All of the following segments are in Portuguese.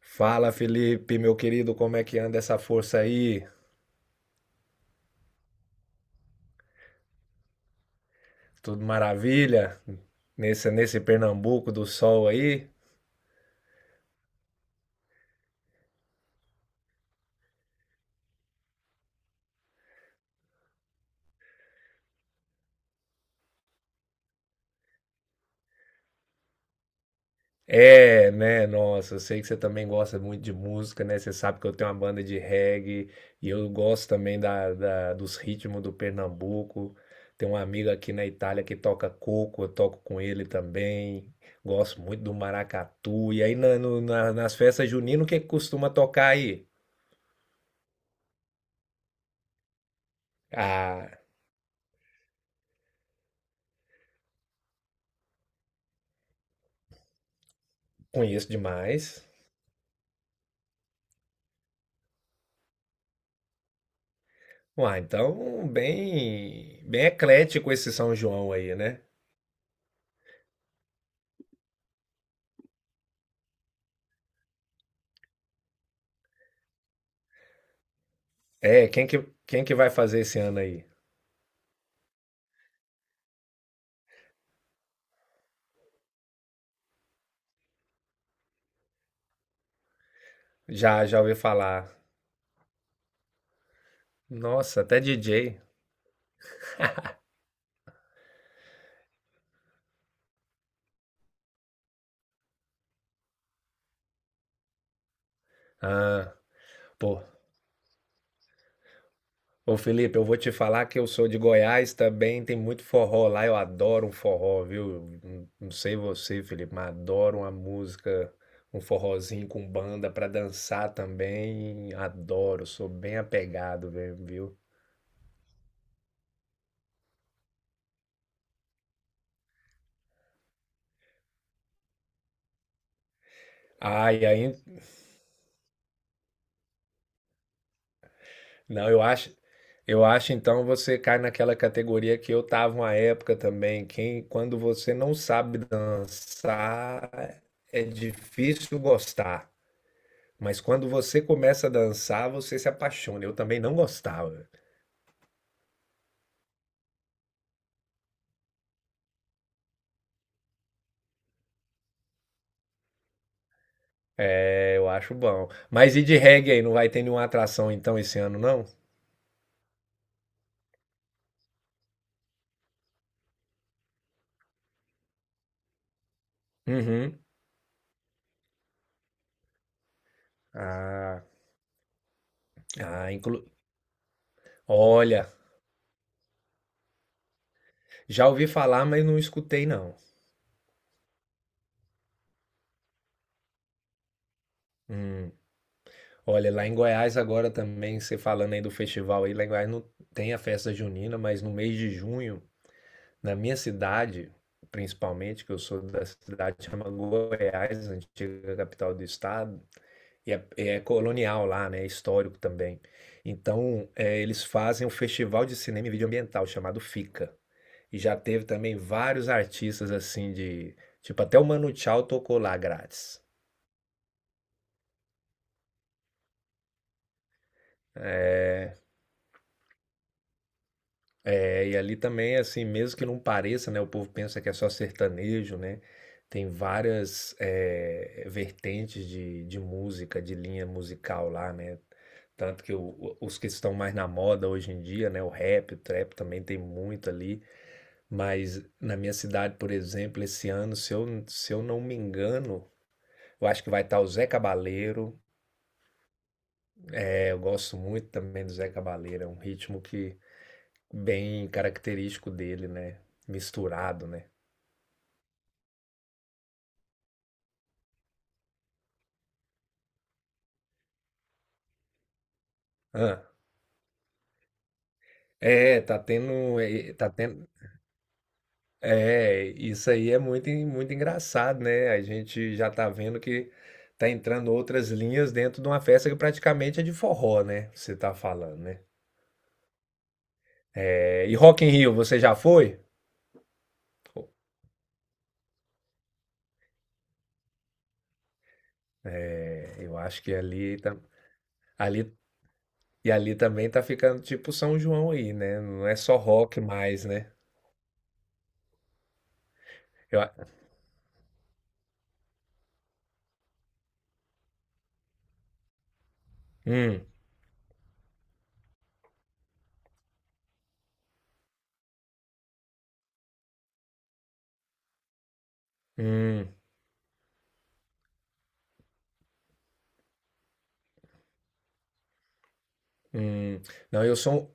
Fala, Felipe, meu querido, como é que anda essa força aí? Tudo maravilha? Nesse Pernambuco do sol aí? É, né? Nossa, eu sei que você também gosta muito de música, né? Você sabe que eu tenho uma banda de reggae e eu gosto também dos ritmos do Pernambuco. Tem uma amiga aqui na Itália que toca coco, eu toco com ele também. Gosto muito do maracatu. E aí nas festas juninas, o que que costuma tocar aí? Ah, conheço demais. Uai, então bem eclético esse São João aí, né? É, quem que vai fazer esse ano aí? Já, já ouvi falar. Nossa, até DJ. Ah, pô. Ô Felipe, eu vou te falar que eu sou de Goiás também, tem muito forró lá, eu adoro um forró, viu? Não, não sei você, Felipe, mas adoro uma música, um forrozinho com banda pra dançar também, adoro, sou bem apegado, viu? Ah, e aí. Não, eu acho então você cai naquela categoria que eu tava uma época também. Quem, quando você não sabe dançar, é difícil gostar. Mas quando você começa a dançar, você se apaixona. Eu também não gostava. É, eu acho bom. Mas e de reggae aí? Não vai ter nenhuma atração então esse ano, não? Uhum. Ah, ah, inclu... Olha, já ouvi falar, mas não escutei, não. Hum. Olha, lá em Goiás agora também, você falando aí do festival aí, lá em Goiás não tem a festa junina, mas no mês de junho, na minha cidade, principalmente, que eu sou da cidade que chama Goiás, antiga capital do estado, e é, é colonial lá, né? É histórico também. Então, é, eles fazem um festival de cinema e vídeo ambiental chamado FICA. E já teve também vários artistas assim de. Tipo, até o Manu Chao tocou lá grátis. É, é, e ali também, assim, mesmo que não pareça, né? O povo pensa que é só sertanejo, né? Tem várias vertentes de música, de linha musical lá, né? Tanto que os que estão mais na moda hoje em dia, né? O rap, o trap também tem muito ali. Mas na minha cidade, por exemplo, esse ano, se eu não me engano, eu acho que vai estar o Zé Cabaleiro. É, eu gosto muito também do Zé Cabaleiro, é um ritmo que bem característico dele, né? Misturado, né? Hã. É, tá tendo é, isso aí é muito en muito engraçado, né, a gente já tá vendo que tá entrando outras linhas dentro de uma festa que praticamente é de forró, né, você tá falando, né. É. E Rock in Rio, você já foi? É, eu acho que ali tá ali e ali também tá ficando tipo São João aí, né, não é só rock mais, né. Eu a hum, hum, hum. Não, eu sou.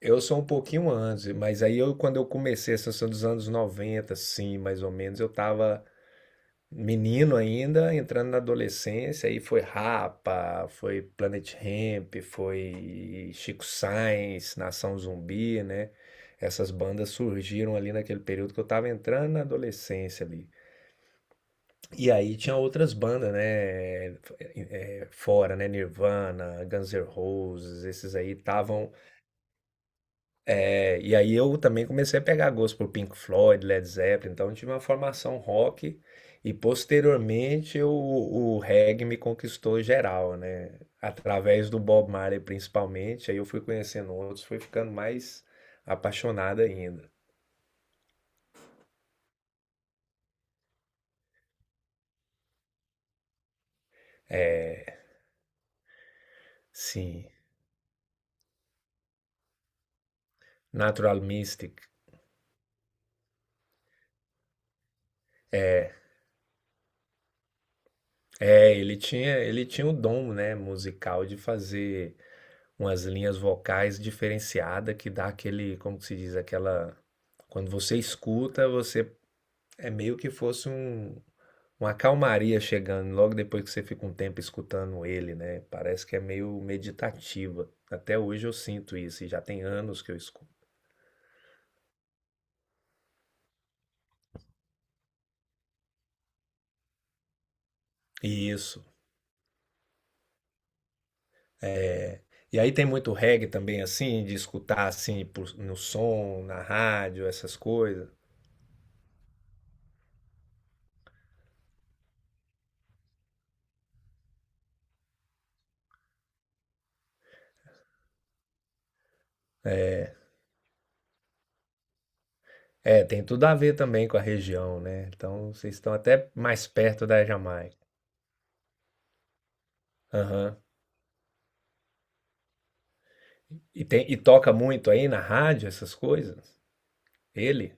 Eu sou um pouquinho antes, mas aí eu, quando eu comecei, essa são dos anos 90, sim, mais ou menos, eu tava menino ainda, entrando na adolescência, aí foi Rapa, foi Planet Hemp, foi Chico Science, Nação Zumbi, né? Essas bandas surgiram ali naquele período que eu tava entrando na adolescência ali. E aí tinha outras bandas, né? Fora, né? Nirvana, Guns N' Roses, esses aí estavam. É, e aí eu também comecei a pegar gosto por Pink Floyd, Led Zeppelin, então eu tive uma formação rock e posteriormente o reggae me conquistou geral, né? Através do Bob Marley principalmente, aí eu fui conhecendo outros, fui ficando mais apaixonado ainda. É, sim, Natural Mystic. É, é, ele tinha o dom, né, musical de fazer umas linhas vocais diferenciada que dá aquele, como que se diz, aquela quando você escuta, você é meio que fosse um, uma calmaria chegando logo depois que você fica um tempo escutando ele, né? Parece que é meio meditativa. Até hoje eu sinto isso, e já tem anos que eu escuto. Isso. E aí tem muito reggae também, assim, de escutar assim no som, na rádio, essas coisas. É, tem tudo a ver também com a região, né? Então vocês estão até mais perto da Jamaica. Aham. E, tem, e toca muito aí na rádio essas coisas? Ele?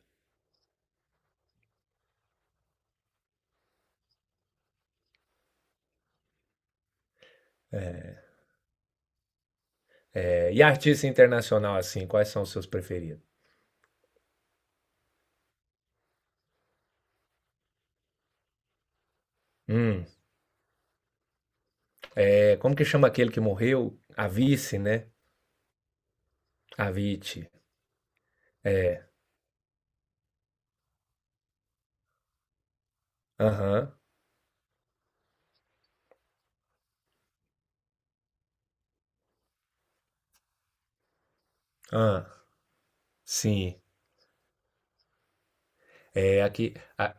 É, e artista internacional, assim, quais são os seus preferidos? Hum, é, como que chama aquele que morreu? A, né? A. É. Aham. Ah, sim. É aqui, a-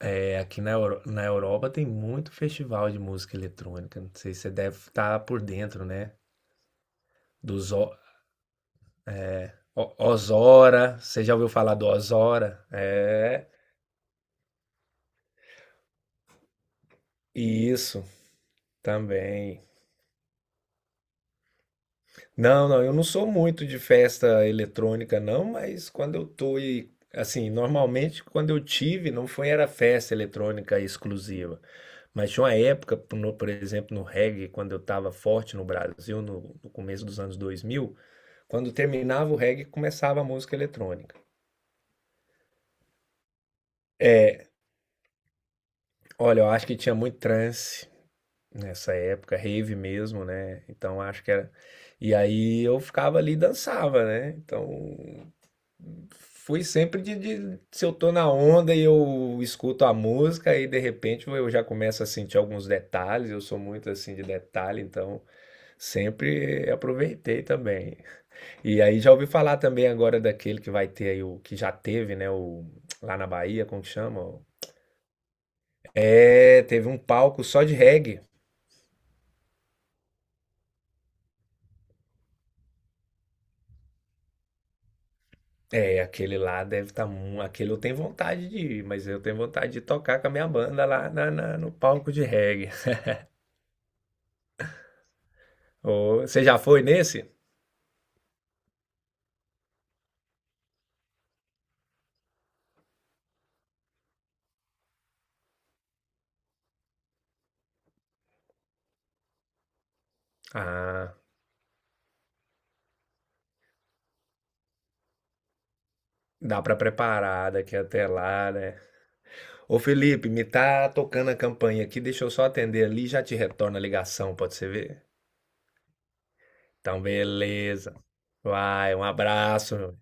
é aqui na Europa tem muito festival de música eletrônica. Não sei se você deve estar por dentro, né? Dos Ozora. Você já ouviu falar do Ozora? É. Isso também. Não, não, eu não sou muito de festa eletrônica, não, mas quando eu tô e assim, normalmente quando eu tive, não foi era festa eletrônica exclusiva, mas tinha uma época, por exemplo, no reggae, quando eu estava forte no Brasil, no começo dos anos 2000, quando terminava o reggae, começava a música eletrônica. É, olha, eu acho que tinha muito trance nessa época, rave mesmo, né? Então acho que era. E aí eu ficava ali e dançava, né? Então. Fui sempre se eu tô na onda e eu escuto a música e de repente eu já começo a sentir alguns detalhes, eu sou muito assim de detalhe, então sempre aproveitei também. E aí já ouvi falar também agora daquele que vai ter aí o que já teve, né, o lá na Bahia, como que chama? É, teve um palco só de reggae. É, aquele lá deve estar. Aquele eu tenho vontade de ir, mas eu tenho vontade de tocar com a minha banda lá no palco de reggae. Ô, você já foi nesse? Ah, dá pra preparar daqui até lá, né? Ô Felipe, me tá tocando a campanha aqui, deixa eu só atender ali e já te retorno a ligação, pode ser ver? Então, beleza. Vai, um abraço.